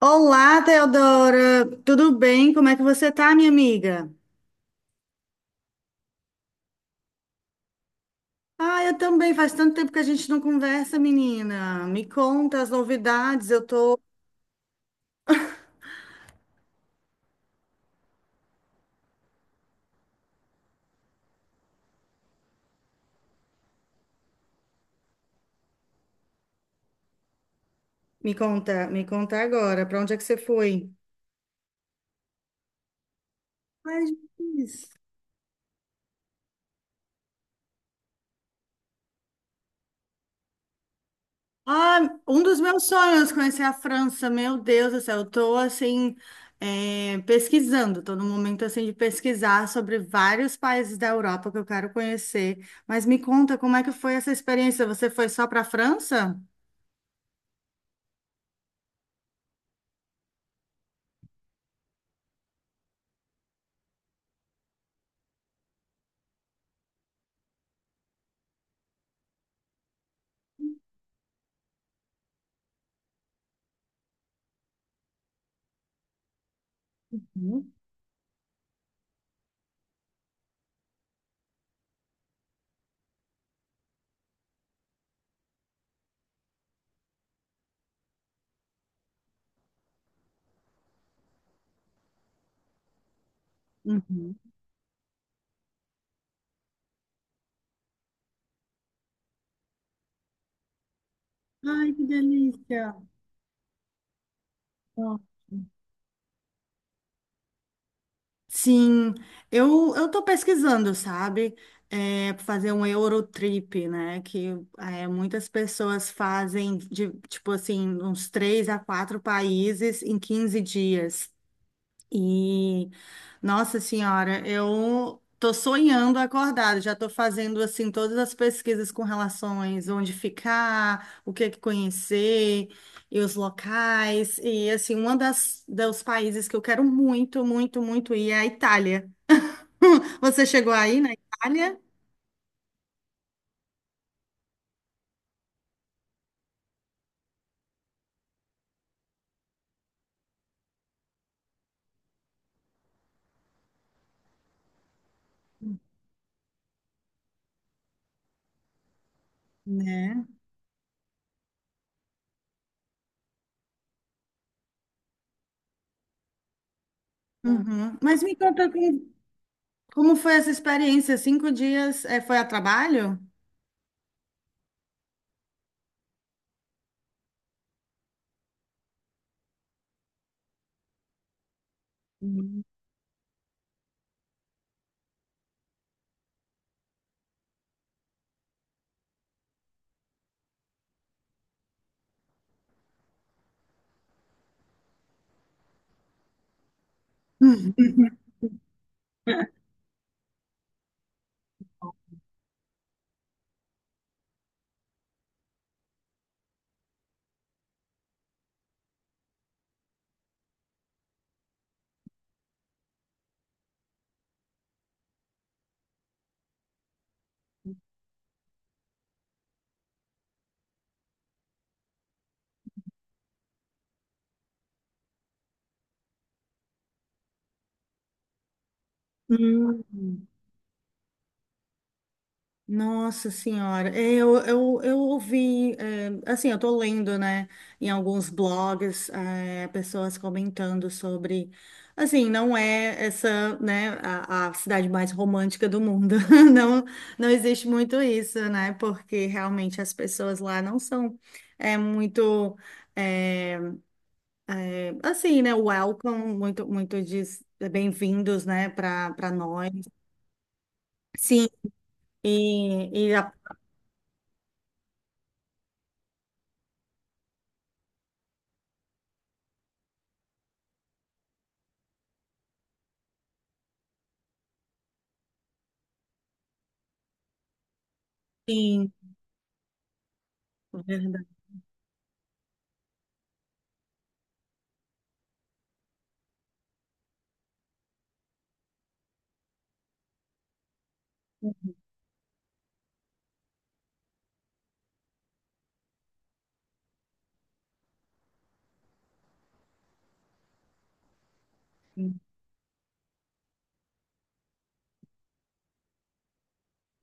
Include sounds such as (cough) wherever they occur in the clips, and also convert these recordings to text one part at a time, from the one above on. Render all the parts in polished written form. Olá, Teodora. Tudo bem? Como é que você tá, minha amiga? Ah, eu também. Faz tanto tempo que a gente não conversa, menina. Me conta as novidades. Eu tô. Me conta agora. Para onde é que você foi? Ai, Jesus. Ah, um dos meus sonhos, conhecer a França. Meu Deus do céu, eu tô assim, pesquisando. Tô no momento assim de pesquisar sobre vários países da Europa que eu quero conhecer. Mas me conta, como é que foi essa experiência? Você foi só para a França? Uhum. Ai, que delícia. Ó. Sim, eu tô pesquisando, sabe? É, pra fazer um Eurotrip, né? Que muitas pessoas fazem tipo assim, uns três a quatro países em 15 dias. E, nossa senhora, eu tô sonhando acordado, já tô fazendo assim todas as pesquisas com relações onde ficar, o que é que conhecer e os locais. E assim, uma das dos países que eu quero muito, muito, muito ir é a Itália. (laughs) Você chegou aí na Itália? Né? Uhum. Mas me conta como, como foi essa experiência? Cinco dias, foi a trabalho? Uhum. Nossa Senhora, é, eu ouvi, é, assim, eu tô lendo, né, em alguns blogs, é, pessoas comentando sobre, assim, não é essa, né, a cidade mais romântica do mundo, (laughs) não, não existe muito isso, né, porque realmente as pessoas lá não são, é, muito, é, assim, né, welcome, muito, muito de bem-vindos, né, para nós. Sim, e, e, a- sim, verdade.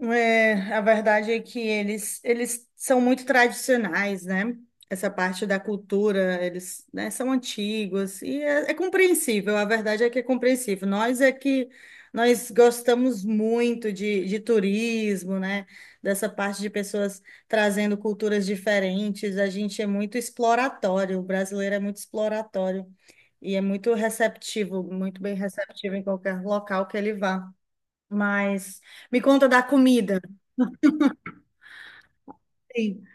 É, a verdade é que eles são muito tradicionais, né? Essa parte da cultura, eles, né, são antigos e é compreensível. A verdade é que é compreensível. Nós é que nós gostamos muito de turismo, né? Dessa parte de pessoas trazendo culturas diferentes. A gente é muito exploratório. O brasileiro é muito exploratório e é muito receptivo, muito bem receptivo em qualquer local que ele vá. Mas me conta da comida. Sim.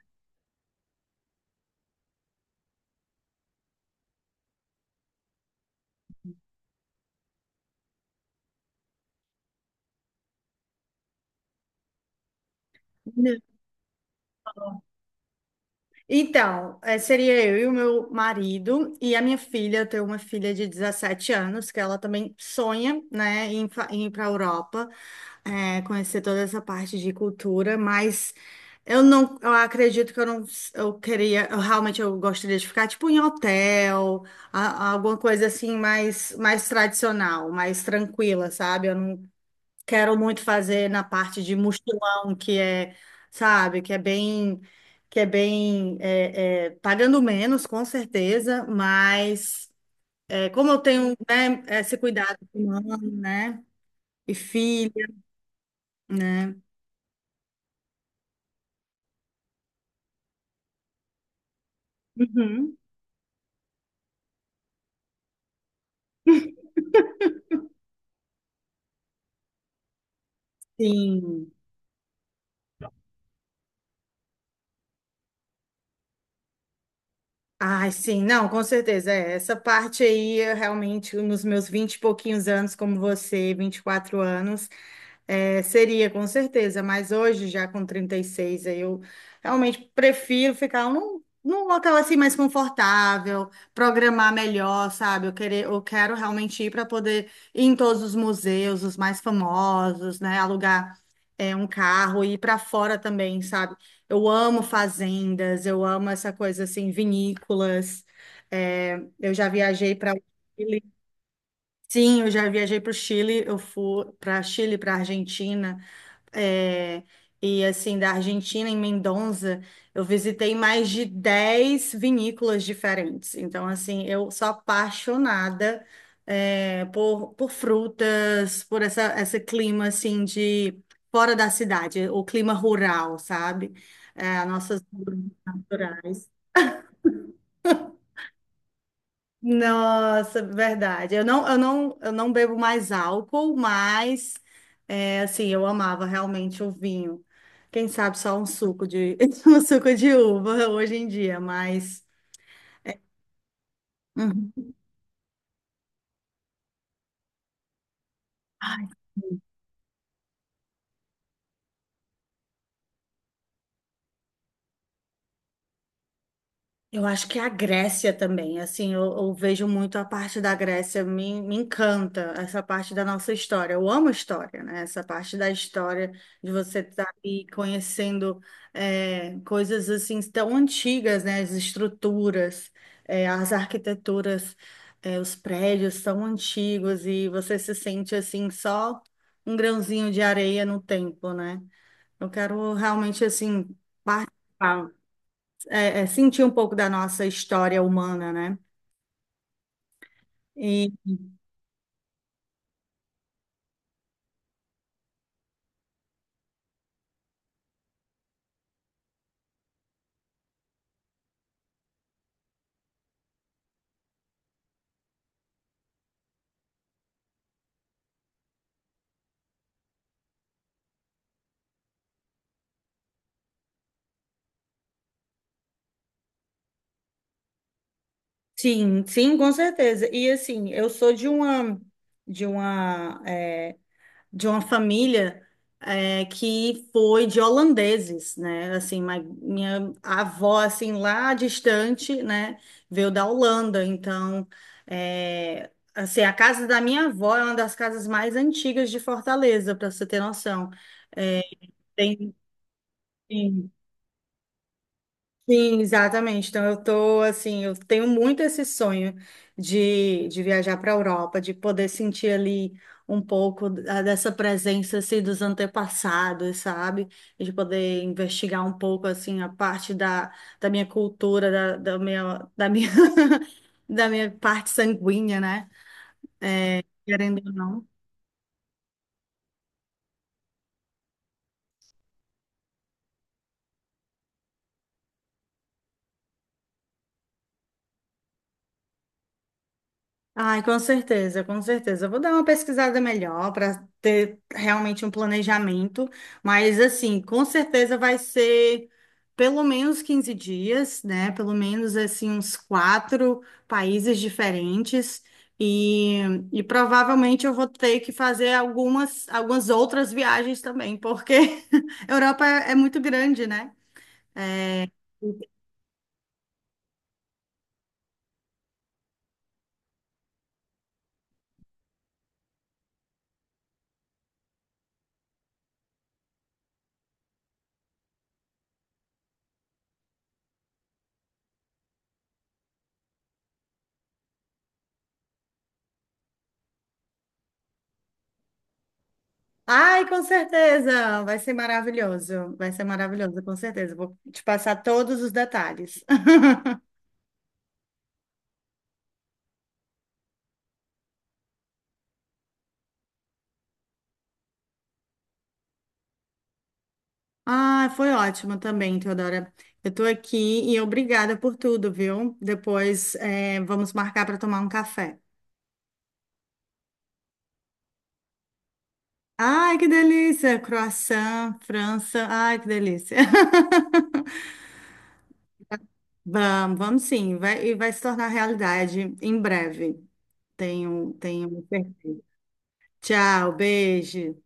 Não. Então, seria eu e o meu marido e a minha filha. Eu tenho uma filha de 17 anos que ela também sonha, né, em ir para a Europa, conhecer toda essa parte de cultura, mas eu acredito que eu não, eu queria, eu realmente eu gostaria de ficar tipo em hotel, alguma coisa assim mais tradicional, mais tranquila, sabe? Eu quero muito fazer na parte de mochilão, que é, sabe, que é bem, pagando menos, com certeza, mas é, como eu tenho, né, esse cuidado com mãe, né, e filha, né, uhum, sim, ai, sim, não, com certeza. É, essa parte aí, eu realmente, nos meus vinte e pouquinhos anos, como você, 24 anos, é, seria, com certeza. Mas hoje, já com 36 aí eu realmente prefiro ficar num local assim mais confortável, programar melhor, sabe? Eu quero realmente ir para poder ir em todos os museus, os mais famosos, né? Alugar, um carro e ir para fora também, sabe? Eu amo fazendas, eu amo essa coisa assim, vinícolas. É, eu já viajei para o Chile. Sim, eu já viajei para o Chile, eu fui para Chile, para Argentina é, e assim, da Argentina, em Mendoza, eu visitei mais de 10 vinícolas diferentes. Então, assim, eu sou apaixonada, é, por frutas, esse clima, assim, de fora da cidade, o clima rural, sabe? É, nossas naturais. Nossa, verdade. Eu não bebo mais álcool, mas é, assim, eu amava realmente o vinho. Quem sabe só um suco de (laughs) um suco de uva hoje em dia, mas uhum. Eu acho que a Grécia também, assim, eu vejo muito a parte da Grécia, me encanta essa parte da nossa história. Eu amo história, né? Essa parte da história, de você estar ali conhecendo é, coisas assim tão antigas, né? As estruturas, é, as arquiteturas, é, os prédios tão antigos e você se sente assim só um grãozinho de areia no tempo, né? Eu quero realmente assim é sentir um pouco da nossa história humana, né? E sim, sim, com certeza. E assim, eu sou de uma é, de uma família é, que foi de holandeses, né? Assim, minha avó assim lá distante, né, veio da Holanda. Então, é, assim, a casa da minha avó é uma das casas mais antigas de Fortaleza, para você ter noção. É, tem, sim, exatamente. Então eu tô assim, eu tenho muito esse sonho de viajar para a Europa, de poder sentir ali um pouco dessa presença assim dos antepassados, sabe? E de poder investigar um pouco assim a parte da minha cultura, da minha (laughs) da minha parte sanguínea, né? Querendo ou não. Ai, com certeza, com certeza. Eu vou dar uma pesquisada melhor para ter realmente um planejamento, mas assim, com certeza vai ser pelo menos 15 dias, né? Pelo menos assim uns quatro países diferentes e, e provavelmente eu vou ter que fazer algumas outras viagens também, porque (laughs) a Europa é muito grande, né? Ai, com certeza! Vai ser maravilhoso. Vai ser maravilhoso, com certeza. Vou te passar todos os detalhes. (laughs) Ah, foi ótimo também, Teodora. Eu tô aqui e obrigada por tudo, viu? Depois, vamos marcar para tomar um café. Ai, que delícia! Croissant, França. Ai, que delícia! (laughs) Vamos, vamos sim. Vai, e vai se tornar realidade em breve. Tenho certeza. Tchau, beijo.